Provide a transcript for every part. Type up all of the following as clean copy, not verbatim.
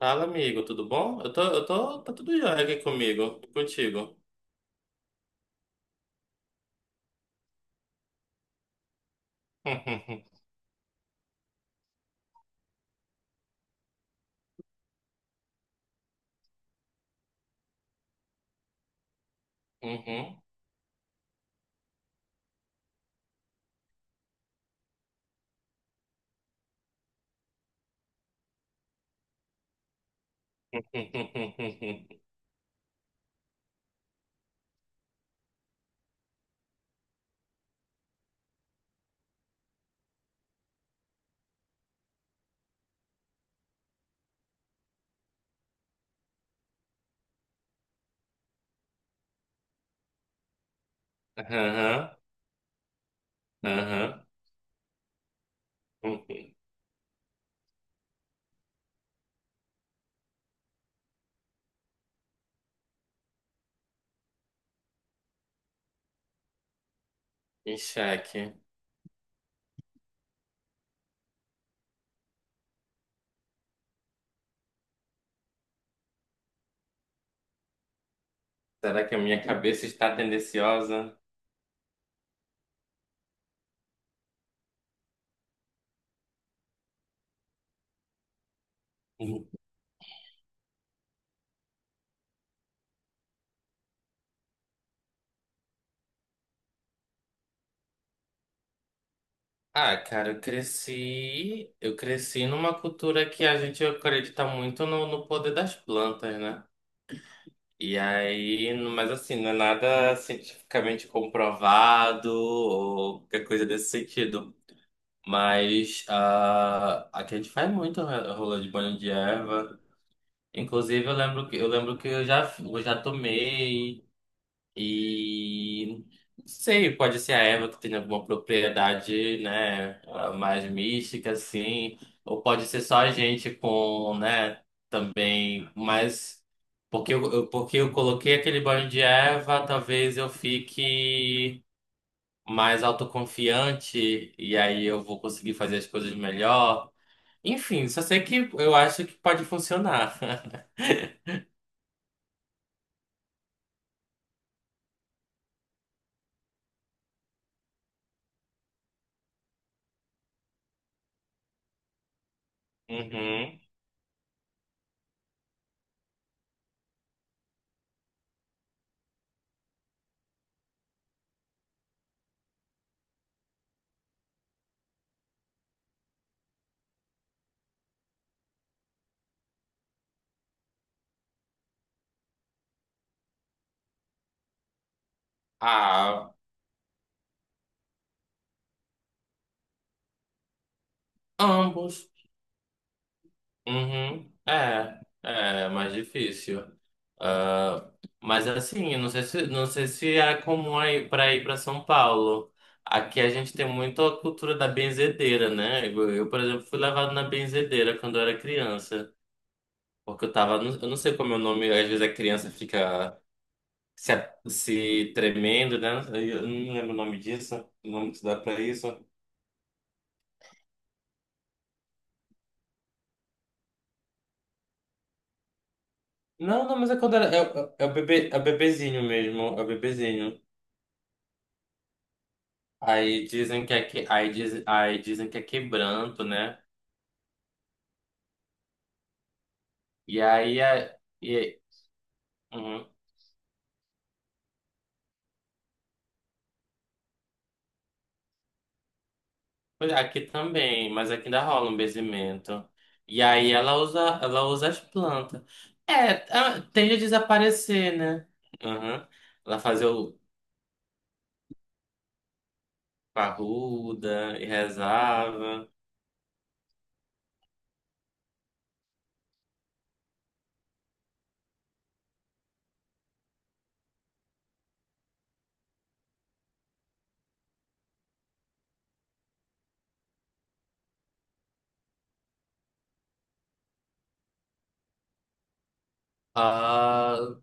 Fala, amigo, tudo bom? Eu tô, tá tudo jóia aqui comigo, e contigo. Uhum. Uhum. Aham, aham. Em xeque. Será que a minha cabeça está tendenciosa? Uhum. Ah, cara, eu cresci numa cultura que a gente acredita muito no poder das plantas, né? E aí, mas assim, não é nada cientificamente comprovado ou qualquer coisa desse sentido. Mas aqui a gente faz muito rolê de banho de erva. Inclusive, eu lembro que eu lembro que eu já tomei e não sei, pode ser a erva que tem alguma propriedade, né, mais mística, assim, ou pode ser só a gente com, né, também, mas porque eu coloquei aquele banho de erva, talvez eu fique mais autoconfiante e aí eu vou conseguir fazer as coisas melhor. Enfim, só sei que eu acho que pode funcionar. Uhum. Ah, ambos. Uhum. É, é mais difícil. Ah, mas assim, eu não sei se, não sei se é comum aí para ir para São Paulo. Aqui a gente tem muito a cultura da benzedeira, né? Por exemplo, fui levado na benzedeira quando eu era criança. Porque eu tava, eu não sei como é o nome, às vezes a criança fica se, se tremendo, né? Eu não lembro o nome disso, o nome que se dá pra isso. Não, não, mas é quando era, é o bebê, é o bebezinho mesmo, é o bebezinho. Aí dizem que é, que, aí diz, aí dizem que é quebranto, né? E aí é, e, uhum. Pois é, aqui também, mas aqui ainda rola um benzimento. E aí ela usa as plantas. É, ah, tende a desaparecer, né? Uhum. Ela fazia o parruda e rezava. Ah,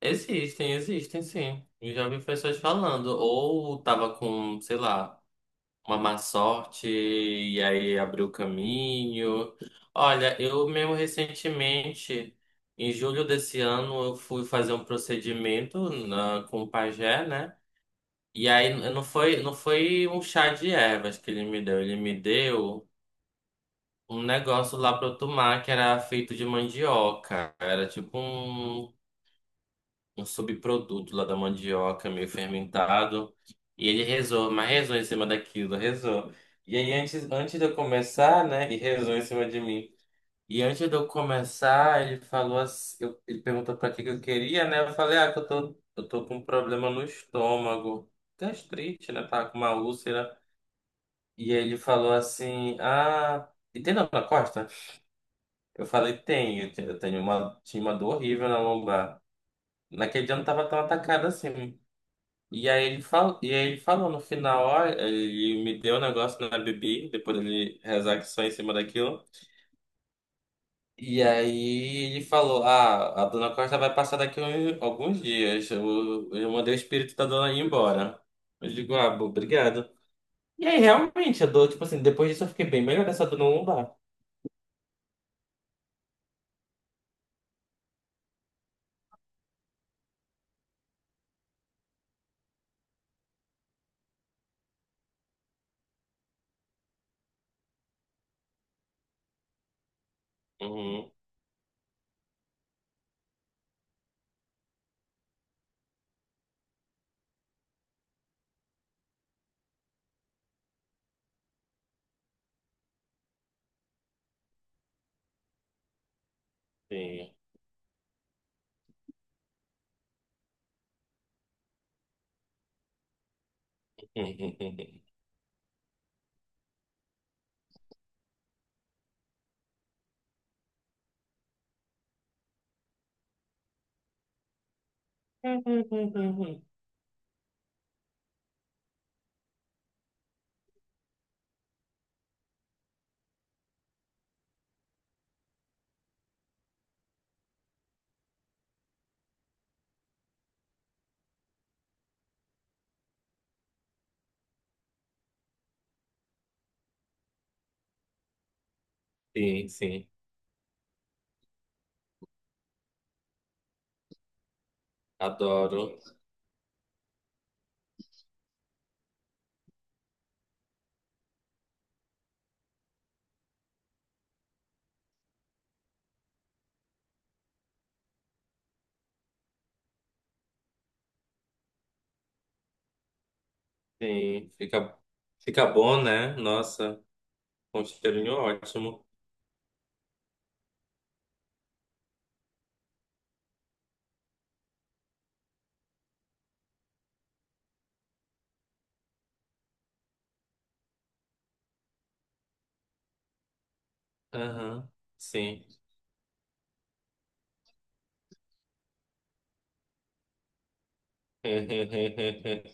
existem, existem sim. Eu já vi pessoas falando. Ou tava com, sei lá, uma má sorte e aí abriu o caminho. Olha, eu mesmo recentemente, em julho desse ano, eu fui fazer um procedimento na, com o pajé, né? E aí não foi, não foi um chá de ervas que ele me deu. Ele me deu um negócio lá pra eu tomar que era feito de mandioca. Era tipo um. Um subproduto lá da mandioca meio fermentado. E ele rezou, mas rezou em cima daquilo, rezou. E aí, antes, antes de eu começar, né? E rezou em cima de mim. E antes de eu começar, ele falou assim, ele perguntou pra que que eu queria, né? Eu falei, ah, que eu tô com um problema no estômago. Gastrite, né? Tava com uma úlcera. E aí ele falou assim, ah, e tem dor na costa? Eu falei, tem, eu tenho uma, tinha uma dor horrível na lombar. Naquele dia eu não tava tão atacada assim. E aí ele falou no final, ó, ele me deu um negócio na bebida, depois ele rezar que só em cima daquilo. E aí ele falou, ah, a dona Costa vai passar daqui alguns dias. Eu mandei o espírito da dona ir embora. Eu digo, ah, obrigado. E aí realmente, eu dou, tipo assim, depois disso eu fiquei bem melhor dessa dona não dá. Uhum, sim. Sim, sim. Adoro. Sim, fica, fica bom, né? Nossa. Com cheirinho ótimo. Aham, sim.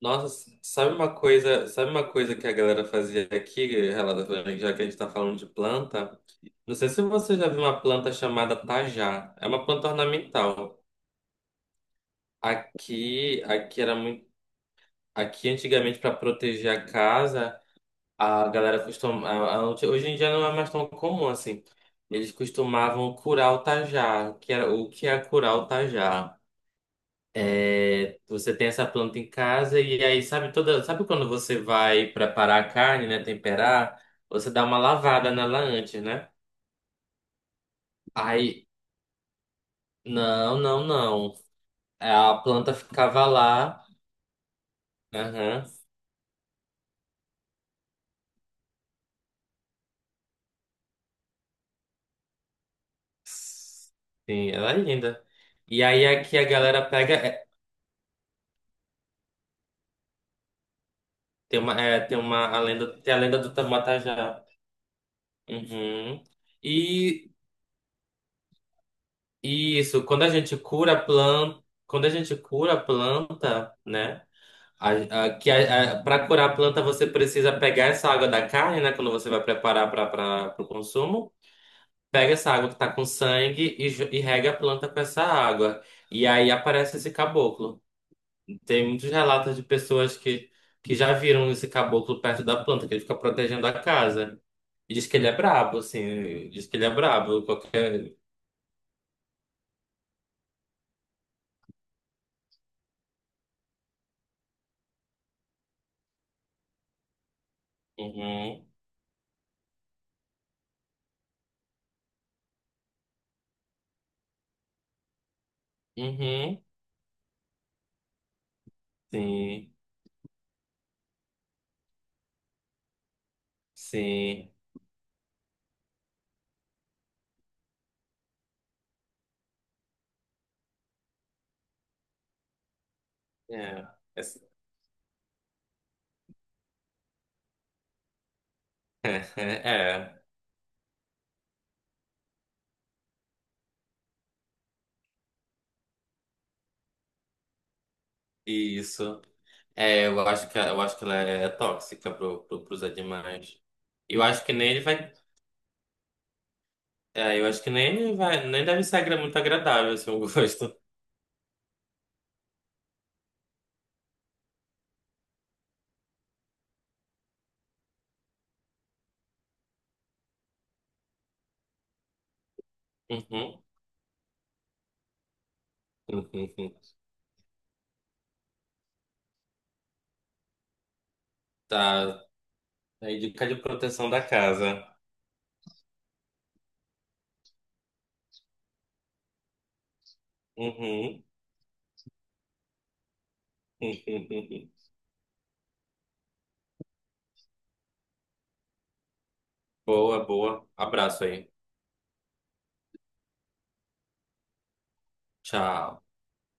Nossa, sabe uma coisa que a galera fazia aqui, relata já que a gente tá falando de planta? Não sei se você já viu uma planta chamada tajá. É uma planta ornamental. Aqui, aqui era muito, aqui antigamente para proteger a casa, a galera costumava, hoje em dia não é mais tão comum assim. Eles costumavam curar o tajá, que era o que é curar o tajá? Você tem essa planta em casa e aí sabe toda, sabe quando você vai preparar a carne, né, temperar, você dá uma lavada nela antes, né? Aí, não, não, não. É, a planta ficava lá. Aham. Sim, ela é linda. E aí aqui a galera pega, é, tem uma a lenda, tem a lenda do Tamatajá. Uhum. E, e isso, quando a gente cura a planta, né? A- que para curar a planta, você precisa pegar essa água da carne, né? Quando você vai preparar para o consumo, pega essa água que tá com sangue e, e rega a planta com essa água. E aí aparece esse caboclo. Tem muitos relatos de pessoas que já viram esse caboclo perto da planta, que ele fica protegendo a casa. E diz que ele é brabo, assim. Diz que ele é brabo. Qualquer. Uhum, uhum, sim, sim. É, é, é, isso. É, eu acho que ela é tóxica pros animais. Eu acho que nem ele vai. É, eu acho que nem ele vai. Nem deve ser muito agradável, assim, o gosto. Uhum. Tá. É dica de proteção da casa. Uhum. Boa, boa. Abraço aí. Tchau.